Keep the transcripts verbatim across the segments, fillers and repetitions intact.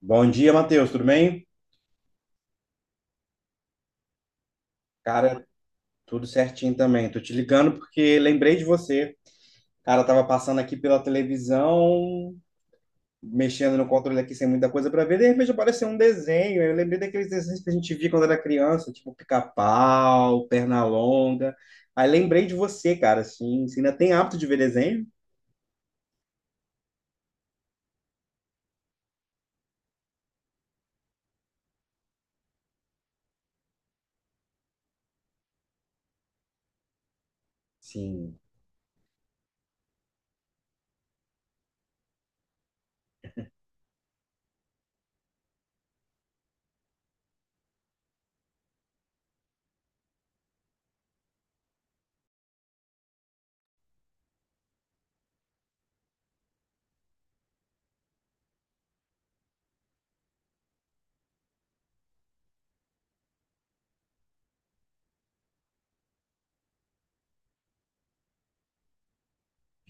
Bom dia, Matheus, tudo bem? Cara, tudo certinho também. Tô te ligando porque lembrei de você. Cara, eu tava passando aqui pela televisão, mexendo no controle aqui sem muita coisa pra ver, de repente apareceu um desenho. Eu lembrei daqueles desenhos que a gente via quando era criança, tipo Pica-Pau, Pernalonga. Aí lembrei de você, cara, assim, você ainda tem hábito de ver desenho? Sim,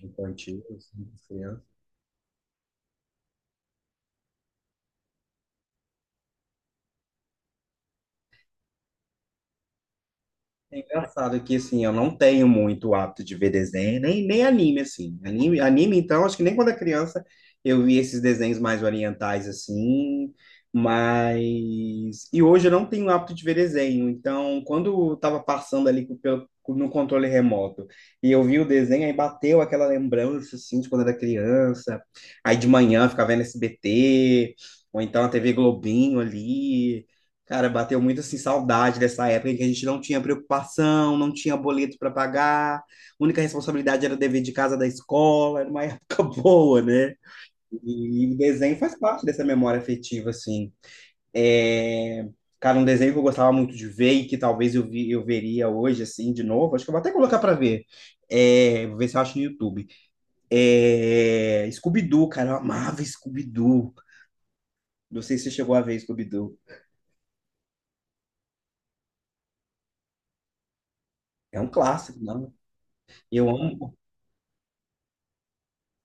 infantil, assim, criança. É engraçado que, assim, eu não tenho muito o hábito de ver desenho, nem, nem anime, assim. Anime, anime, então, acho que nem quando era criança eu vi esses desenhos mais orientais, assim, mas... E hoje eu não tenho o hábito de ver desenho, então, quando eu tava passando ali com- pelo, com- no controle remoto e eu vi o desenho, aí bateu aquela lembrança, assim, de quando era criança. Aí de manhã eu ficava vendo S B T, ou então a T V Globinho ali... Cara, bateu muito assim saudade dessa época em que a gente não tinha preocupação, não tinha boleto para pagar, a única responsabilidade era o dever de casa da escola. Era uma época boa, né? E, e desenho faz parte dessa memória afetiva, assim. É, cara, um desenho que eu gostava muito de ver e que talvez eu, vi, eu veria hoje, assim, de novo, acho que eu vou até colocar para ver. É, vou ver se eu acho no YouTube. É... Scooby-Doo, cara, eu amava Scooby-Doo. Não sei se você chegou a ver Scooby-Doo. É um clássico, não? Eu amo.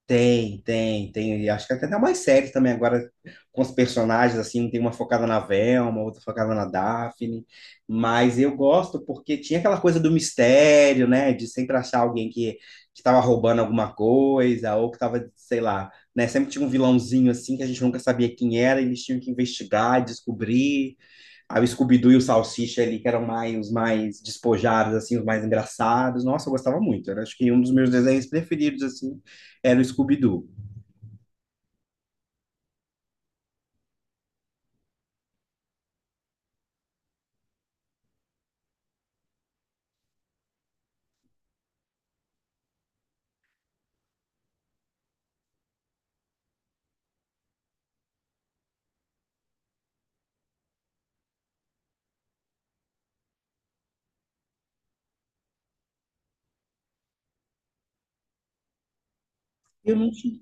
Tem, tem, tem. Acho que tem até mais séries também agora com os personagens, assim, tem uma focada na Velma, outra focada na Daphne. Mas eu gosto porque tinha aquela coisa do mistério, né? De sempre achar alguém que estava roubando alguma coisa, ou que estava, sei lá, né? Sempre tinha um vilãozinho assim que a gente nunca sabia quem era, e eles tinham que investigar, descobrir. Aí o Scooby-Doo e o Salsicha ali, que eram mais, os mais despojados, assim, os mais engraçados. Nossa, eu gostava muito. Eu acho que um dos meus desenhos preferidos, assim, era o Scooby-Doo. Eu não tinha...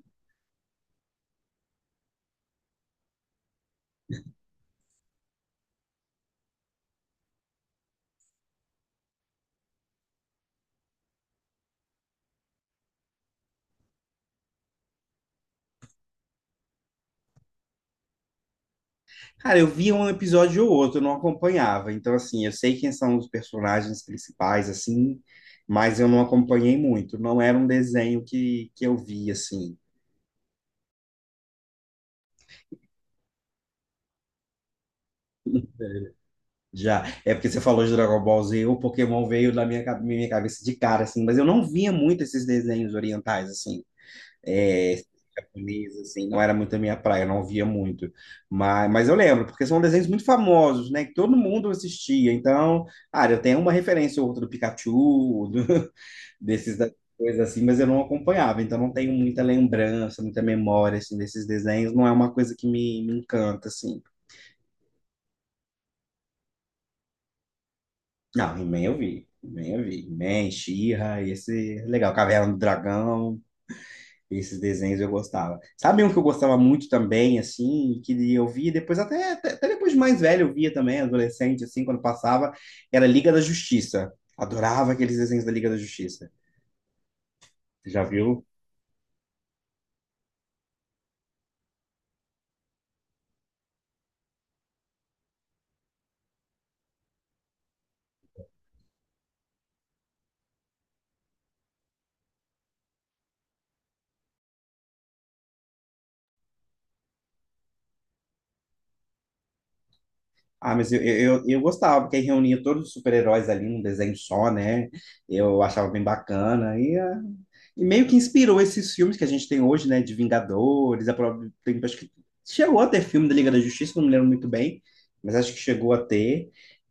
Cara, eu via um episódio ou outro, eu não acompanhava. Então, assim, eu sei quem são os personagens principais, assim, mas eu não acompanhei muito. Não era um desenho que, que eu via, assim. Já. É porque você falou de Dragon Ball Z, o Pokémon veio na minha, ca- minha cabeça de cara, assim, mas eu não via muito esses desenhos orientais, assim. É, japonesa, assim, não era muito a minha praia, eu não via muito. Mas, mas eu lembro, porque são desenhos muito famosos, né? Que todo mundo assistia. Então, ah, eu tenho uma referência ou outra do Pikachu, do- desses da- coisas assim, mas eu não acompanhava, então não tenho muita lembrança, muita memória, assim, desses desenhos. Não é uma coisa que me, me encanta, assim. Não, He-Man eu vi. He-Man eu vi. He-Man, She-Ra, esse... é legal, Caverna do Dragão. Esses desenhos eu gostava. Sabe um que eu gostava muito também, assim, que eu via depois, até, até até depois de mais velho eu via também, adolescente, assim, quando passava, era Liga da Justiça. Adorava aqueles desenhos da Liga da Justiça. Você já viu? Ah, mas eu, eu, eu gostava, porque aí reunia todos os super-heróis ali num desenho só, né? Eu achava bem bacana. E, ah, e meio que inspirou esses filmes que a gente tem hoje, né? De Vingadores, a própria, tem, acho que chegou a ter filme da Liga da Justiça, não me lembro muito bem, mas acho que chegou a ter.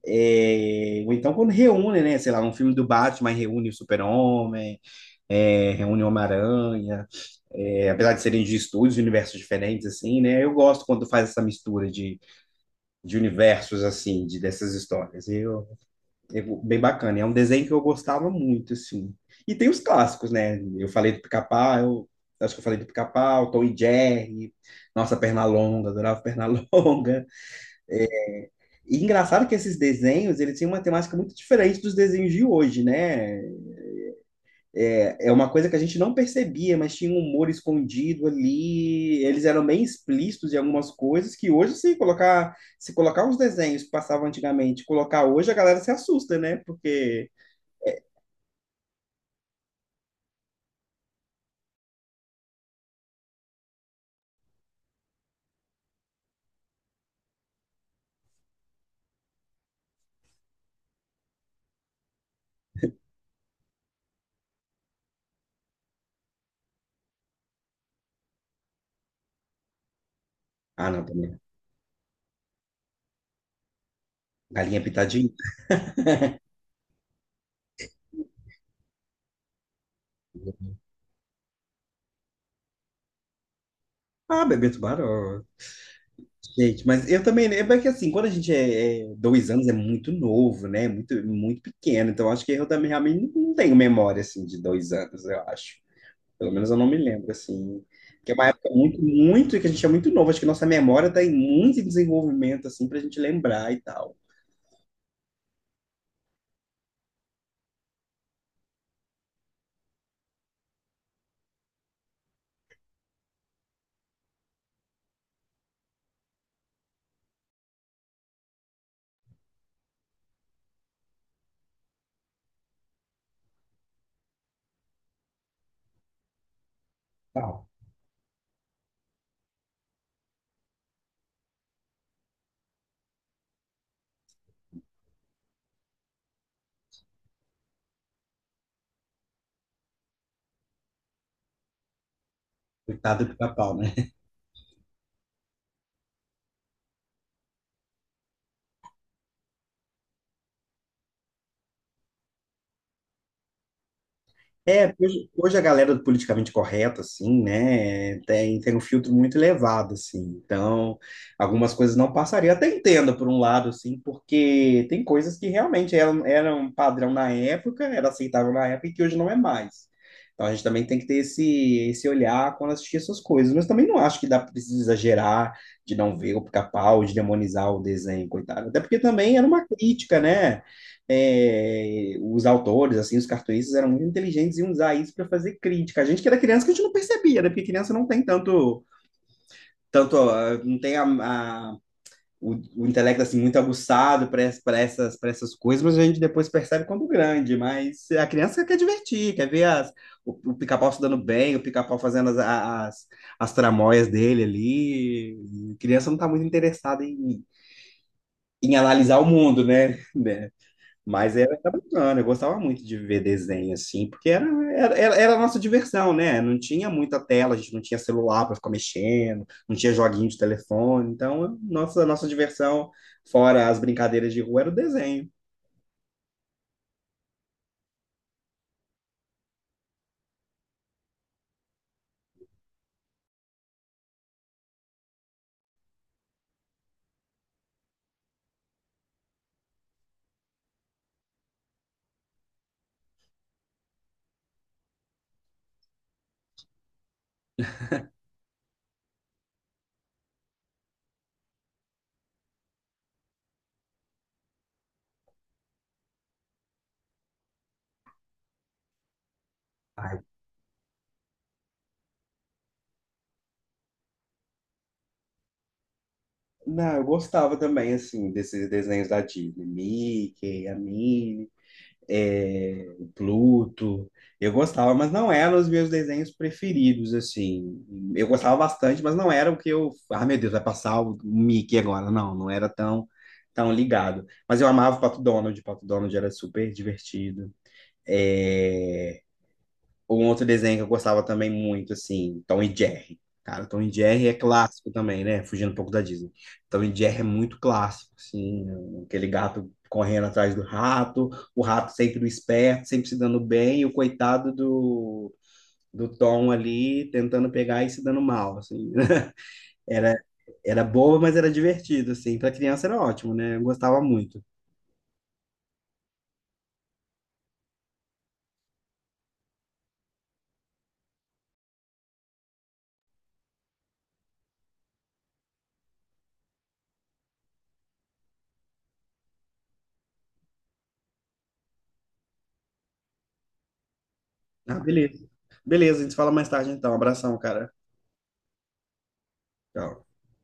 É, ou então quando reúne, né? Sei lá, um filme do Batman reúne o Super-Homem, é, reúne o Homem-Aranha. É, apesar de serem de estúdios, de universos diferentes, assim, né? Eu gosto quando faz essa mistura de universos, assim, de, dessas histórias. Eu, eu- é bem bacana. É um desenho que eu gostava muito, assim. E tem os clássicos, né? Eu falei do Pica-Pau, eu acho que eu falei do Pica-Pau, Tom e Jerry, nossa, Pernalonga, adorava Pernalonga. E engraçado que esses desenhos, eles tinham uma temática muito diferente dos desenhos de hoje, né? É, é uma coisa que a gente não percebia, mas tinha um humor escondido ali. Eles eram bem explícitos em algumas coisas que hoje, se colocar, se colocar os desenhos que passavam antigamente, colocar hoje, a galera se assusta, né? Porque. Ah, não, também. Galinha pitadinha. Ah, bebê tubarão. Gente, mas eu também. Né, é que assim, quando a gente é, é dois anos, é muito novo, né? Muito, muito pequeno. Então, acho que eu também realmente não tenho memória assim de dois anos, eu acho. Pelo menos eu não me lembro, assim. Que é uma época muito, muito, que a gente é muito novo. Acho que nossa memória está em muito desenvolvimento, assim, para a gente lembrar e tal. Tal. Coitado do pica-pau, né? É, hoje, hoje a galera do politicamente correto, assim, né, tem, tem um filtro muito elevado, assim, então algumas coisas não passariam. Até entendo, por um lado, assim, porque tem coisas que realmente eram, eram padrão na época, era aceitável na época e que hoje não é mais. Então a gente também tem que ter esse, esse olhar quando assistir essas coisas, mas também não acho que dá precisa exagerar de não ver o pica-pau, de demonizar o desenho, coitado. Até porque também era uma crítica, né? É, os autores, assim, os cartunistas eram muito inteligentes e iam usar isso para fazer crítica. A gente que era criança que a gente não percebia, né? Porque criança não tem tanto, tanto ah, não tem a, a- o, o intelecto assim muito aguçado para essas, para essas coisas, mas a gente depois percebe quando grande. Mas a criança quer divertir, quer ver as, o, o pica-pau se dando bem, o pica-pau fazendo as, as, as tramóias dele ali. A criança não está muito interessada em, em analisar o mundo, né? Né? Mas era, era bacana, eu gostava muito de ver desenho assim, porque era, era, era era a nossa diversão, né? Não tinha muita tela, a gente não tinha celular para ficar mexendo, não tinha joguinho de telefone, então a nossa, a nossa diversão, fora as brincadeiras de rua, era o desenho. Ai, não, eu gostava também, assim, desses desenhos da Disney, Mickey, a Minnie. É, o Pluto. Eu gostava, mas não eram os meus desenhos preferidos, assim. Eu gostava bastante, mas não era o que eu. Ah, meu Deus, vai passar o Mickey agora. Não, não era tão, tão ligado. Mas eu amava o Pato Donald, o Pato Donald era super divertido. É, um outro desenho que eu gostava também muito, assim, Tom e Jerry. Cara, Tom e Jerry é clássico também, né? Fugindo um pouco da Disney. Tom e Jerry é muito clássico, assim, né? Aquele gato correndo atrás do rato, o rato sempre o esperto, sempre se dando bem, e o coitado do, do Tom ali tentando pegar e se dando mal, assim. Era, era boa, mas era divertido, assim. Pra criança era ótimo, né? Eu gostava muito. Ah, beleza. Beleza, a gente se fala mais tarde então. Abração, cara. Tchau.